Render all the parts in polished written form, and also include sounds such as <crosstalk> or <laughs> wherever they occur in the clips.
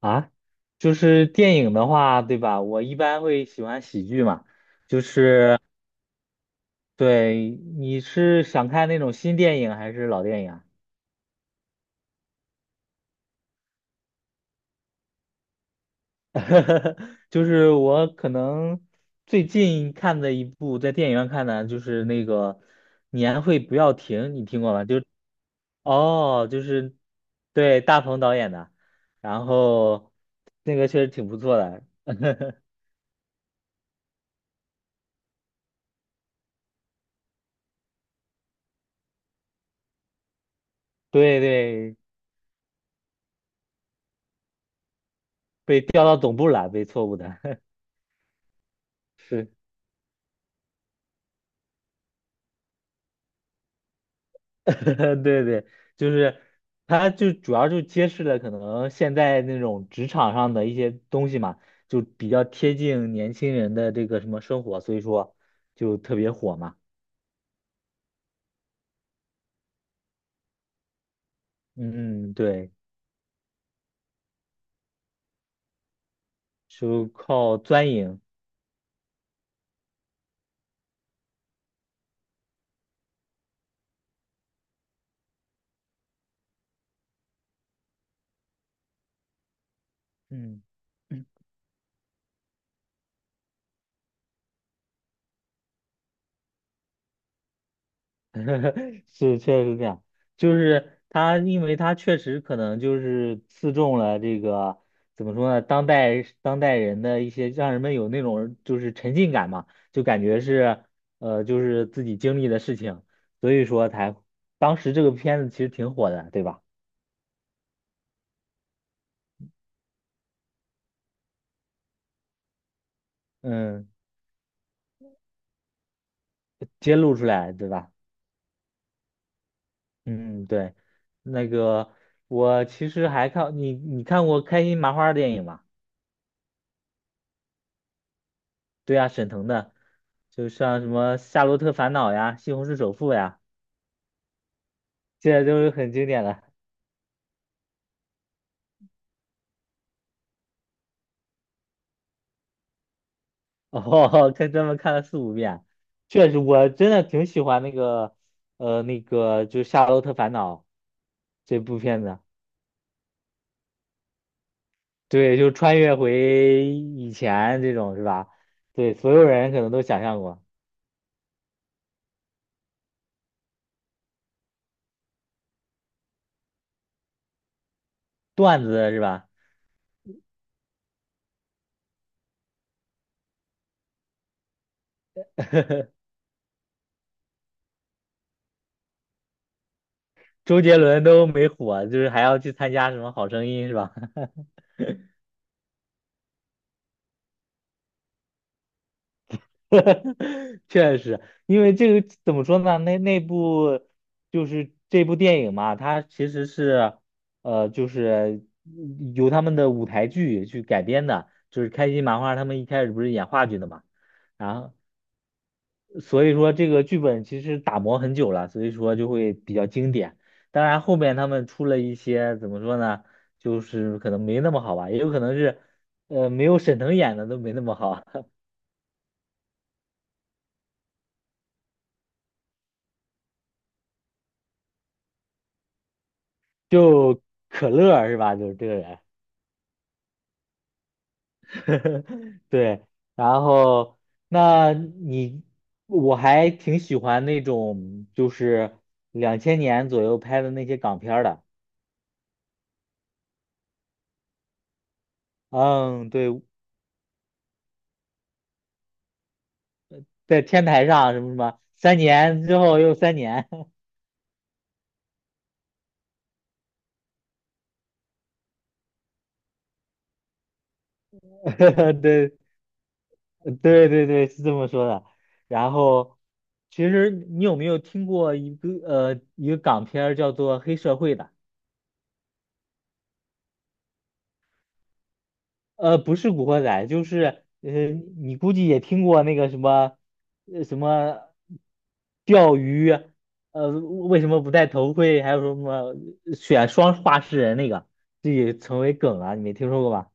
啊，就是电影的话，对吧？我一般会喜欢喜剧嘛，就是对，你是想看那种新电影还是老电影啊？<laughs> 就是我可能最近看的一部在电影院看的，就是那个《年会不要停》，你听过吗？就哦，就是对大鹏导演的，然后那个确实挺不错的，<laughs> 对对，被调到总部了，被错误的，<laughs> 是。<laughs> 对对，就是它就主要就揭示了可能现在那种职场上的一些东西嘛，就比较贴近年轻人的这个什么生活，所以说就特别火嘛。嗯，嗯对，就靠钻营。嗯 <laughs> 是，确实是这样。就是他，因为他确实可能就是刺中了这个怎么说呢，当代人的一些，让人们有那种就是沉浸感嘛，就感觉是就是自己经历的事情，所以说才当时这个片子其实挺火的，对吧？嗯，揭露出来，对吧？嗯，对。那个我其实还看你，你看过开心麻花的电影吗？对啊，沈腾的，就像什么《夏洛特烦恼》呀，《西红柿首富》呀，这些都是很经典的。哦，<laughs> 看专门看了四五遍，确实，我真的挺喜欢那个，那个就是《夏洛特烦恼》这部片子。对，就穿越回以前这种是吧？对，所有人可能都想象过段子是吧？周杰伦都没火，就是还要去参加什么《好声音》是吧？<laughs> <laughs> 确实，因为这个怎么说呢？那部就是这部电影嘛，它其实是就是由他们的舞台剧去改编的，就是开心麻花他们一开始不是演话剧的嘛，然后所以说这个剧本其实打磨很久了，所以说就会比较经典。当然后面他们出了一些怎么说呢，就是可能没那么好吧，也有可能是没有沈腾演的都没那么好，<laughs> 就可乐是吧？就是这个人。<laughs> 对，然后那你我还挺喜欢那种就是2000年左右拍的那些港片儿的，嗯，对，在天台上什么什么，三年之后又三年，<laughs> 对对对对，是这么说的。然后其实你有没有听过一个港片儿叫做《黑社会》的？不是《古惑仔》，就是你估计也听过那个什么，什么钓鱼，为什么不戴头盔？还有什么选双话事人那个，这也成为梗了，你没听说过吧？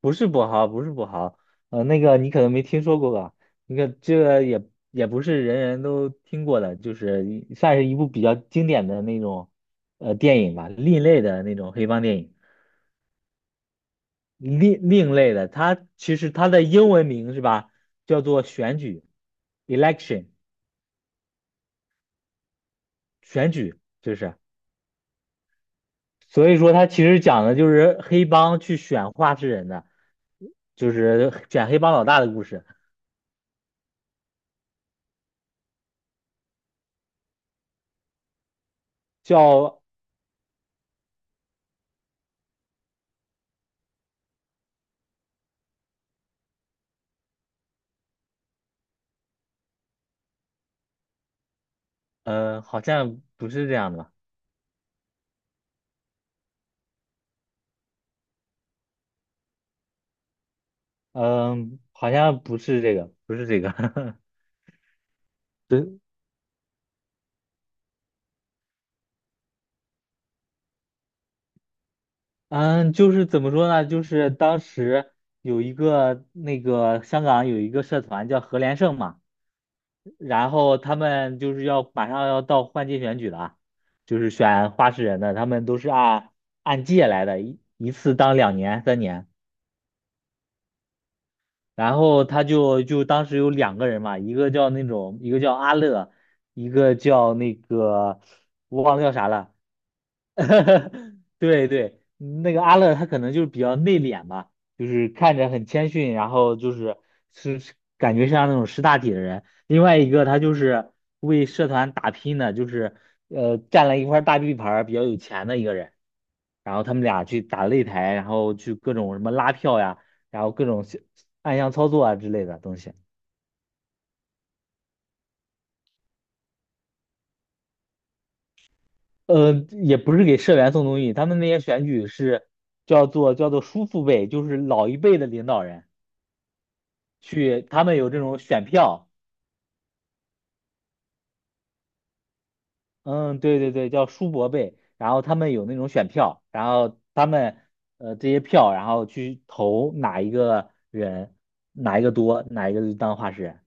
不是跛豪，不是跛豪，那个你可能没听说过吧？那个这个也不是人人都听过的，就是一算是一部比较经典的那种电影吧，另类的那种黑帮电影。另类的，它其实它的英文名是吧，叫做选举 （election） 选举，就是所以说它其实讲的就是黑帮去选话事人的，就是选黑帮老大的故事，叫好像不是这样的吧，嗯、好像不是这个，不是这个，<laughs> 对，嗯，就是怎么说呢，就是当时有一个那个香港有一个社团叫何连胜嘛。然后他们就是要马上要到换届选举了啊，就是选话事人的，他们都是按届来的，一次当2年、三年。然后他就当时有两个人嘛，一个叫那种，一个叫阿乐，一个叫那个我忘了叫啥了，<laughs> 对对，那个阿乐他可能就是比较内敛吧，就是看着很谦逊，然后就是感觉像那种识大体的人。另外一个他就是为社团打拼的，就是占了一块大地盘儿，比较有钱的一个人。然后他们俩去打擂台，然后去各种什么拉票呀，然后各种小暗箱操作啊之类的东西。呃，也不是给社员送东西，他们那些选举是叫做叔父辈，就是老一辈的领导人。去，他们有这种选票，嗯，对对对，叫书伯贝，然后他们有那种选票，然后他们这些票，然后去投哪一个人，哪一个多，哪一个就当画师人，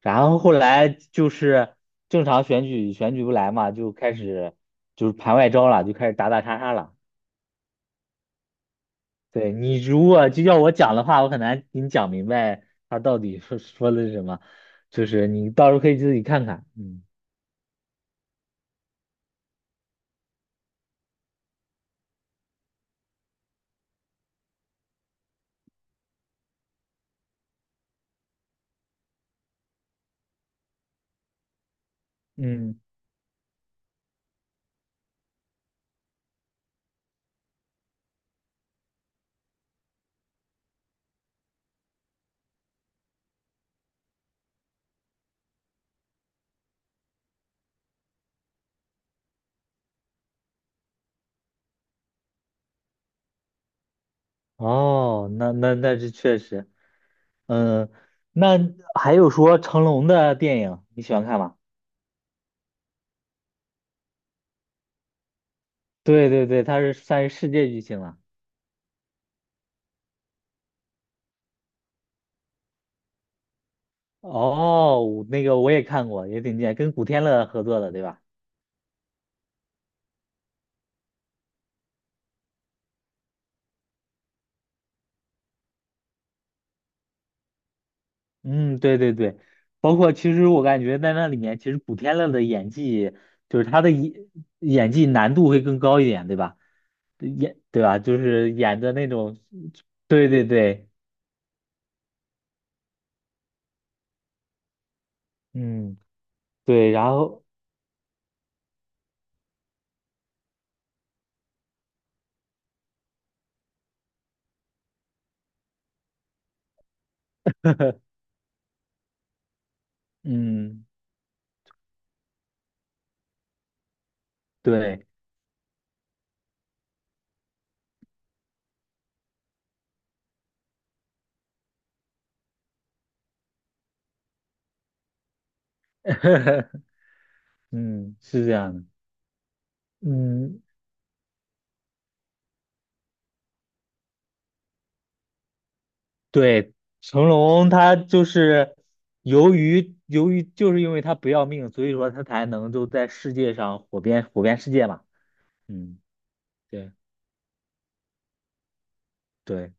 然后后来就是正常选举选举不来嘛，就开始就是盘外招了，就开始打打杀杀了。对你如果就要我讲的话，我很难给你讲明白他到底说说的是什么，就是你到时候可以自己看看，嗯。嗯哦，那是确实，嗯，那还有说成龙的电影你喜欢看吗？对对对，他是算是世界巨星了。哦，我那个我也看过，也挺经典，跟古天乐合作的，对吧？嗯，对对对，包括其实我感觉在那里面，其实古天乐的演技，就是他的演技难度会更高一点，对吧？演对吧？就是演的那种，对对对，嗯，对，然后嗯，对。<laughs> 嗯，是这样的，嗯，对，成龙他就是由于就是因为他不要命，所以说他才能就在世界上火遍世界嘛。嗯，对对，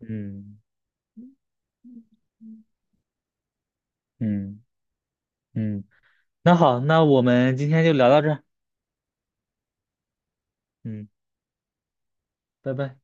嗯嗯，嗯嗯那好，那我们今天就聊到这儿嗯，拜拜。